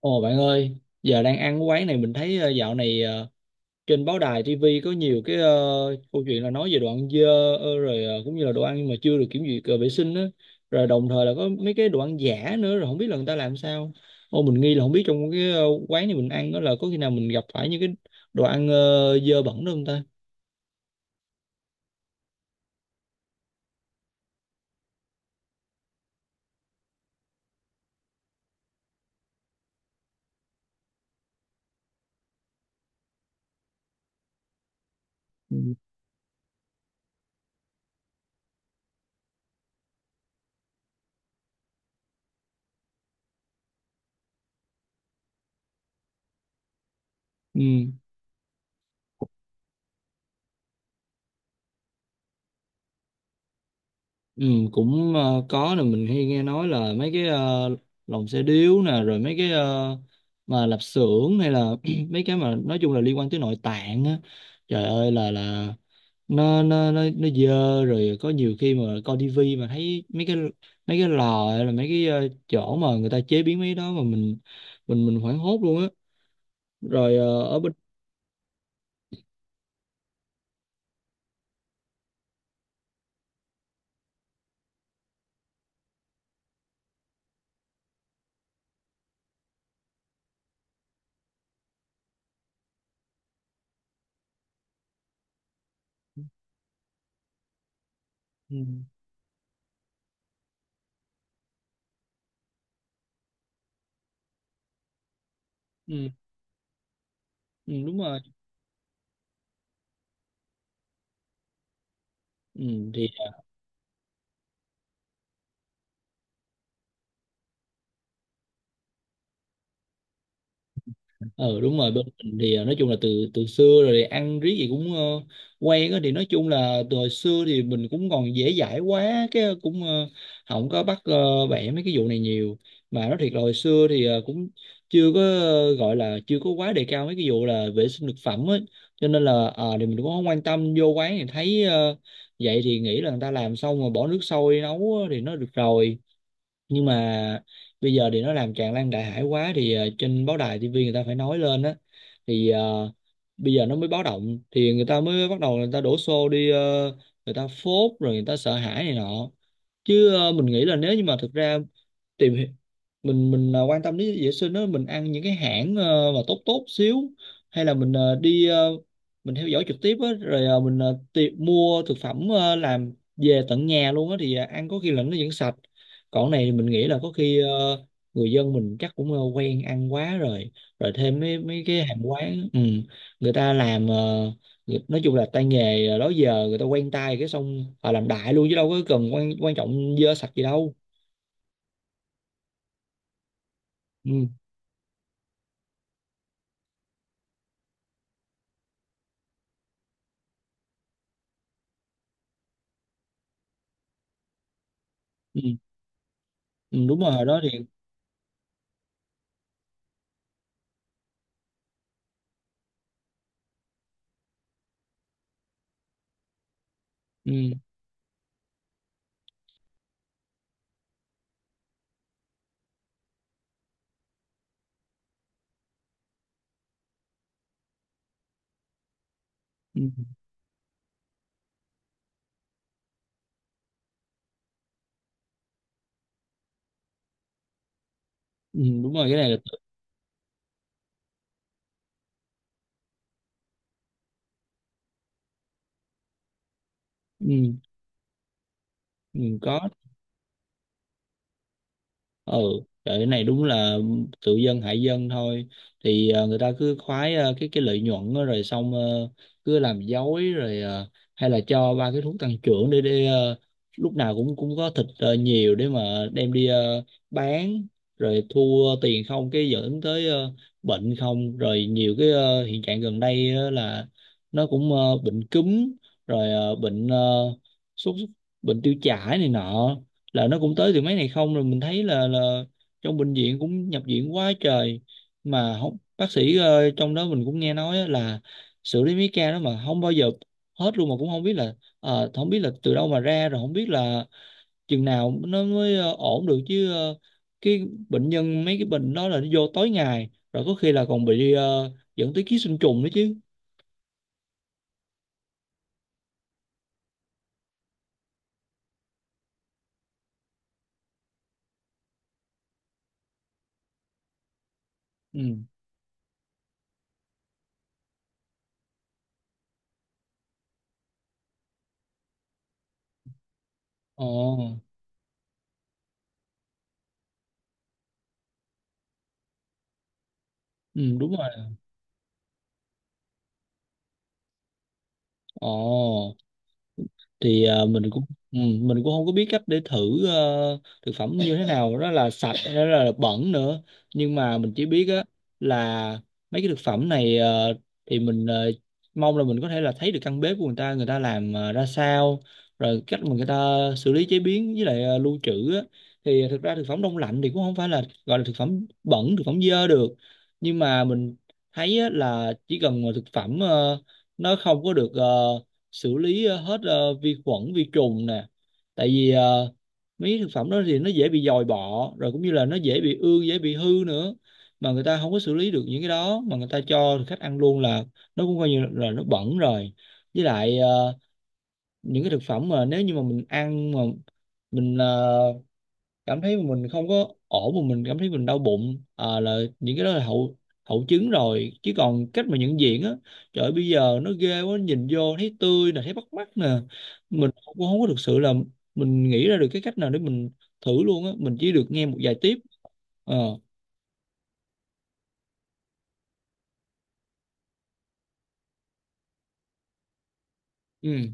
Ồ bạn ơi, giờ đang ăn cái quán này mình thấy dạo này trên báo đài TV có nhiều cái câu chuyện là nói về đồ ăn dơ, rồi cũng như là đồ ăn mà chưa được kiểm duyệt vệ sinh á, rồi đồng thời là có mấy cái đồ ăn giả nữa, rồi không biết là người ta làm sao. Ô, mình nghi là không biết trong cái quán này mình ăn đó là có khi nào mình gặp phải những cái đồ ăn dơ bẩn đó không ta? Ừ. Ừ. Ừ, cũng có nè, mình hay nghe nói là mấy cái lồng xe điếu nè, rồi mấy cái mà lạp xưởng, hay là mấy cái mà nói chung là liên quan tới nội tạng á, trời ơi là nó dơ. Rồi có nhiều khi mà coi tivi mà thấy mấy cái lò, hay là mấy cái chỗ mà người ta chế biến mấy cái đó mà mình hoảng hốt luôn á. Rồi ở bên. Ừ, ừ, ừ, đúng rồi. Ừ, thì ừ, đúng rồi, bên mình thì nói chung là từ từ xưa rồi thì ăn riết gì cũng quen á. Thì nói chung là từ hồi xưa thì mình cũng còn dễ dãi quá, cái cũng không có bắt bẻ mấy cái vụ này nhiều. Mà nói thiệt là hồi xưa thì cũng chưa có gọi là chưa có quá đề cao mấy cái vụ là vệ sinh thực phẩm á, cho nên là thì mình cũng không quan tâm, vô quán thì thấy vậy thì nghĩ là người ta làm xong rồi bỏ nước sôi nấu á thì nó được rồi. Nhưng mà bây giờ thì nó làm tràn lan đại hải quá, thì trên báo đài tivi người ta phải nói lên á, thì bây giờ nó mới báo động, thì người ta mới bắt đầu người ta đổ xô đi, người ta phốt rồi người ta sợ hãi này nọ. Chứ mình nghĩ là nếu như mà thực ra tìm hi- mình à, quan tâm đến vệ sinh đó, mình ăn những cái hãng mà tốt tốt xíu, hay là mình đi mình theo dõi trực tiếp á, rồi mình mua thực phẩm làm về tận nhà luôn á, thì ăn có khi là nó vẫn sạch. Còn cái này thì mình nghĩ là có khi người dân mình chắc cũng quen ăn quá rồi, rồi thêm mấy mấy cái hàng quán, ừ, người ta làm người- nói chung là tay nghề đó giờ người ta quen tay, cái xong họ làm đại luôn chứ đâu có cần quan quan trọng dơ sạch gì đâu. Ừ. Ừ, ừ, đúng rồi đó thì. Ừ, ừ, ừ, đúng rồi, cái này là. Ừ, ừ, có. Ừ, trời, cái này đúng là tự dân hại dân thôi. Thì người ta cứ khoái cái lợi nhuận đó, rồi xong cứ làm dối rồi hay là cho ba cái thuốc tăng trưởng để lúc nào cũng cũng có thịt nhiều, để mà đem đi bán, rồi thu tiền không, cái dẫn tới bệnh không. Rồi nhiều cái hiện trạng gần đây á là nó cũng bệnh cúm, rồi bệnh sốt, bệnh tiêu chảy này nọ, là nó cũng tới từ mấy này không. Rồi mình thấy là trong bệnh viện cũng nhập viện quá trời, mà không bác sĩ trong đó mình cũng nghe nói á là xử lý mấy ca đó mà không bao giờ hết luôn, mà cũng không biết là không biết là từ đâu mà ra, rồi không biết là chừng nào nó mới ổn được. Chứ cái bệnh nhân mấy cái bệnh đó là nó vô tối ngày, rồi có khi là còn bị dẫn tới ký sinh trùng nữa chứ. Ừ. Ồ. Ừ, đúng rồi. Ồ, thì mình cũng. Ừ, mình cũng không có biết cách để thử thực phẩm như thế nào đó là sạch hay đó là bẩn nữa. Nhưng mà mình chỉ biết á, là mấy cái thực phẩm này thì mình mong là mình có thể là thấy được căn bếp của người ta, người ta làm ra sao, rồi cách mà người ta xử lý chế biến với lại lưu trữ á. Thì thực ra thực phẩm đông lạnh thì cũng không phải là gọi là thực phẩm bẩn, thực phẩm dơ được, nhưng mà mình thấy á, là chỉ cần mà thực phẩm nó không có được xử lý hết vi khuẩn vi trùng nè, tại vì mấy thực phẩm đó thì nó dễ bị dòi bọ, rồi cũng như là nó dễ bị ương, dễ bị hư nữa, mà người ta không có xử lý được những cái đó mà người ta cho khách ăn luôn, là nó cũng coi như là nó bẩn rồi. Với lại những cái thực phẩm mà nếu như mà mình ăn mà mình cảm thấy mà mình không có ổn, mà mình cảm thấy mình đau bụng à, là những cái đó là hậu hậu chứng rồi. Chứ còn cách mà nhận diện á, trời ơi, bây giờ nó ghê quá, nhìn vô thấy tươi nè, thấy bắt mắt nè, mình cũng không có thực sự là mình nghĩ ra được cái cách nào để mình thử luôn á, mình chỉ được nghe một vài tiếp. Ờ. Ừ.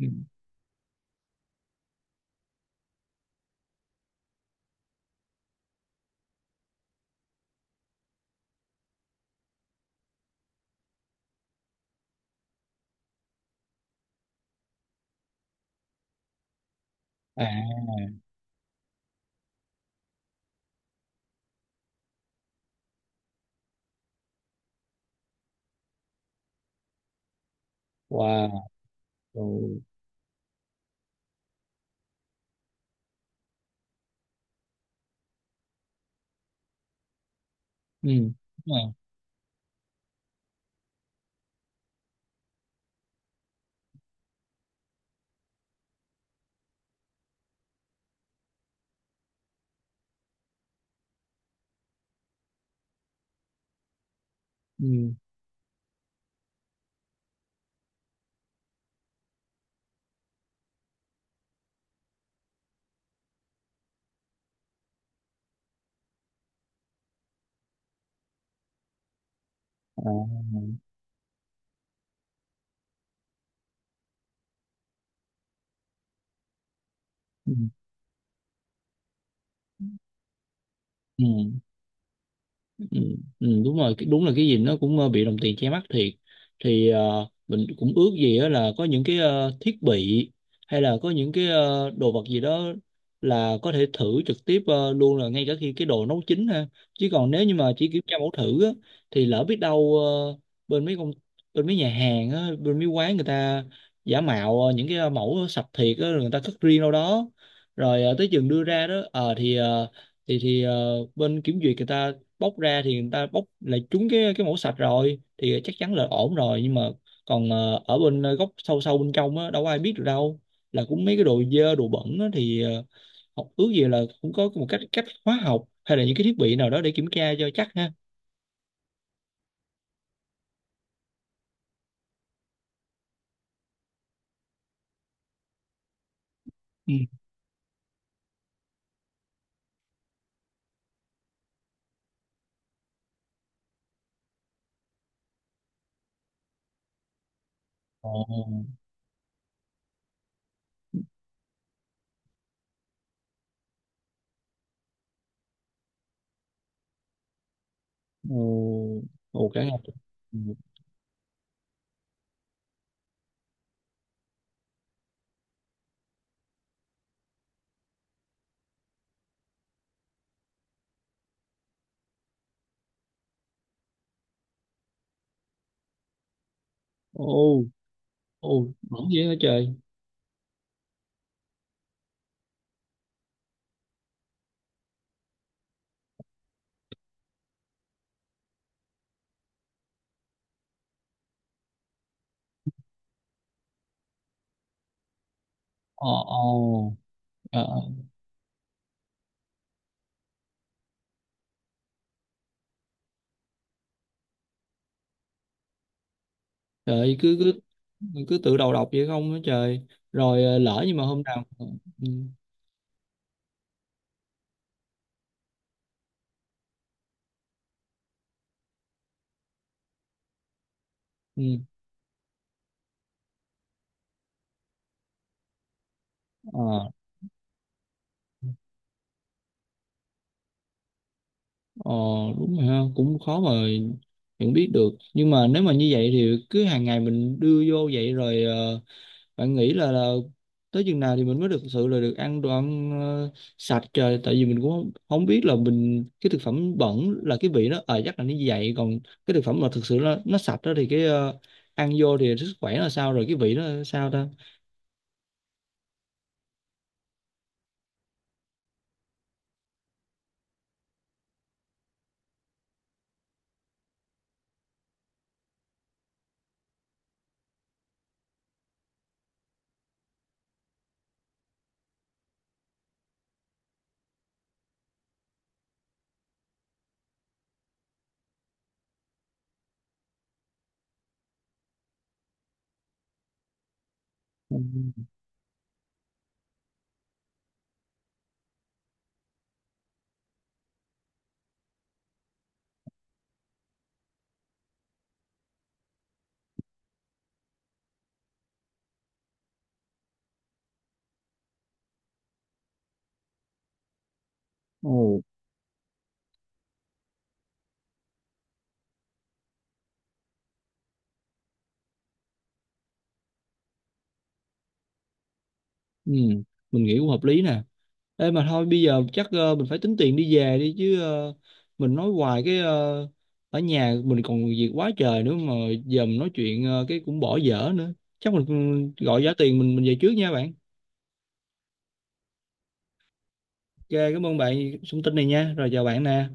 Ừ. À. Wow. Rồi. Ừ, đúng rồi. Ừ. À. Ừ. Ừ. Ừ. Ừ, ừ, đúng rồi cái- đúng là cái gì nó cũng bị đồng tiền che mắt thiệt. Thì mình cũng ước gì á là có những cái thiết bị, hay là có những cái đồ vật gì đó, là có thể thử trực tiếp luôn, là ngay cả khi cái đồ nấu chín ha. Chứ còn nếu như mà chỉ kiểm tra mẫu thử á, thì lỡ biết đâu bên mấy công, bên mấy nhà hàng á, bên mấy quán người ta giả mạo những cái mẫu sạch thiệt á, rồi người ta cất riêng đâu đó. Rồi tới chừng đưa ra đó thì thì bên kiểm duyệt người ta bóc ra, thì người ta bóc lại trúng cái mẫu sạch rồi thì chắc chắn là ổn rồi. Nhưng mà còn ở bên góc sâu sâu bên trong á, đâu có ai biết được đâu là cũng mấy cái đồ dơ đồ bẩn á, thì học ước gì là cũng có một cách cách hóa học, hay là những cái thiết bị nào đó để kiểm tra cho chắc ha. Ừ. Ồ, ồ, ồ, cả ngày. Ừ. Ồ, ồ, bẩn dữ hả trời. Ồ, ồ, trời ơi, trời cứ cứ cứ tự đầu độc vậy không hả trời. Rồi lỡ nhưng mà hôm nào. Ừ. Ừ. Ờ, ờ, đúng rồi ha, cũng khó mà nhận biết được. Nhưng mà nếu mà như vậy thì cứ hàng ngày mình đưa vô vậy, rồi bạn nghĩ là tới chừng nào thì mình mới thực sự là được ăn đồ ăn sạch trời? Tại vì mình cũng không, không biết là mình cái thực phẩm bẩn là cái vị nó ờ chắc là như vậy, còn cái thực phẩm mà thực sự nó sạch đó thì cái ăn vô thì sức khỏe là sao, rồi cái vị nó sao ta. Ừ. Ồ, ừ, mình nghĩ cũng hợp lý nè. Ê, mà thôi bây giờ chắc mình phải tính tiền đi về đi, chứ mình nói hoài cái ở nhà mình còn việc quá trời nữa mà, giờ mình nói chuyện cái cũng bỏ dở nữa. Chắc mình ừ, gọi giá tiền, mình về trước nha bạn. Ok, cảm ơn bạn thông tin này nha. Rồi chào bạn nè.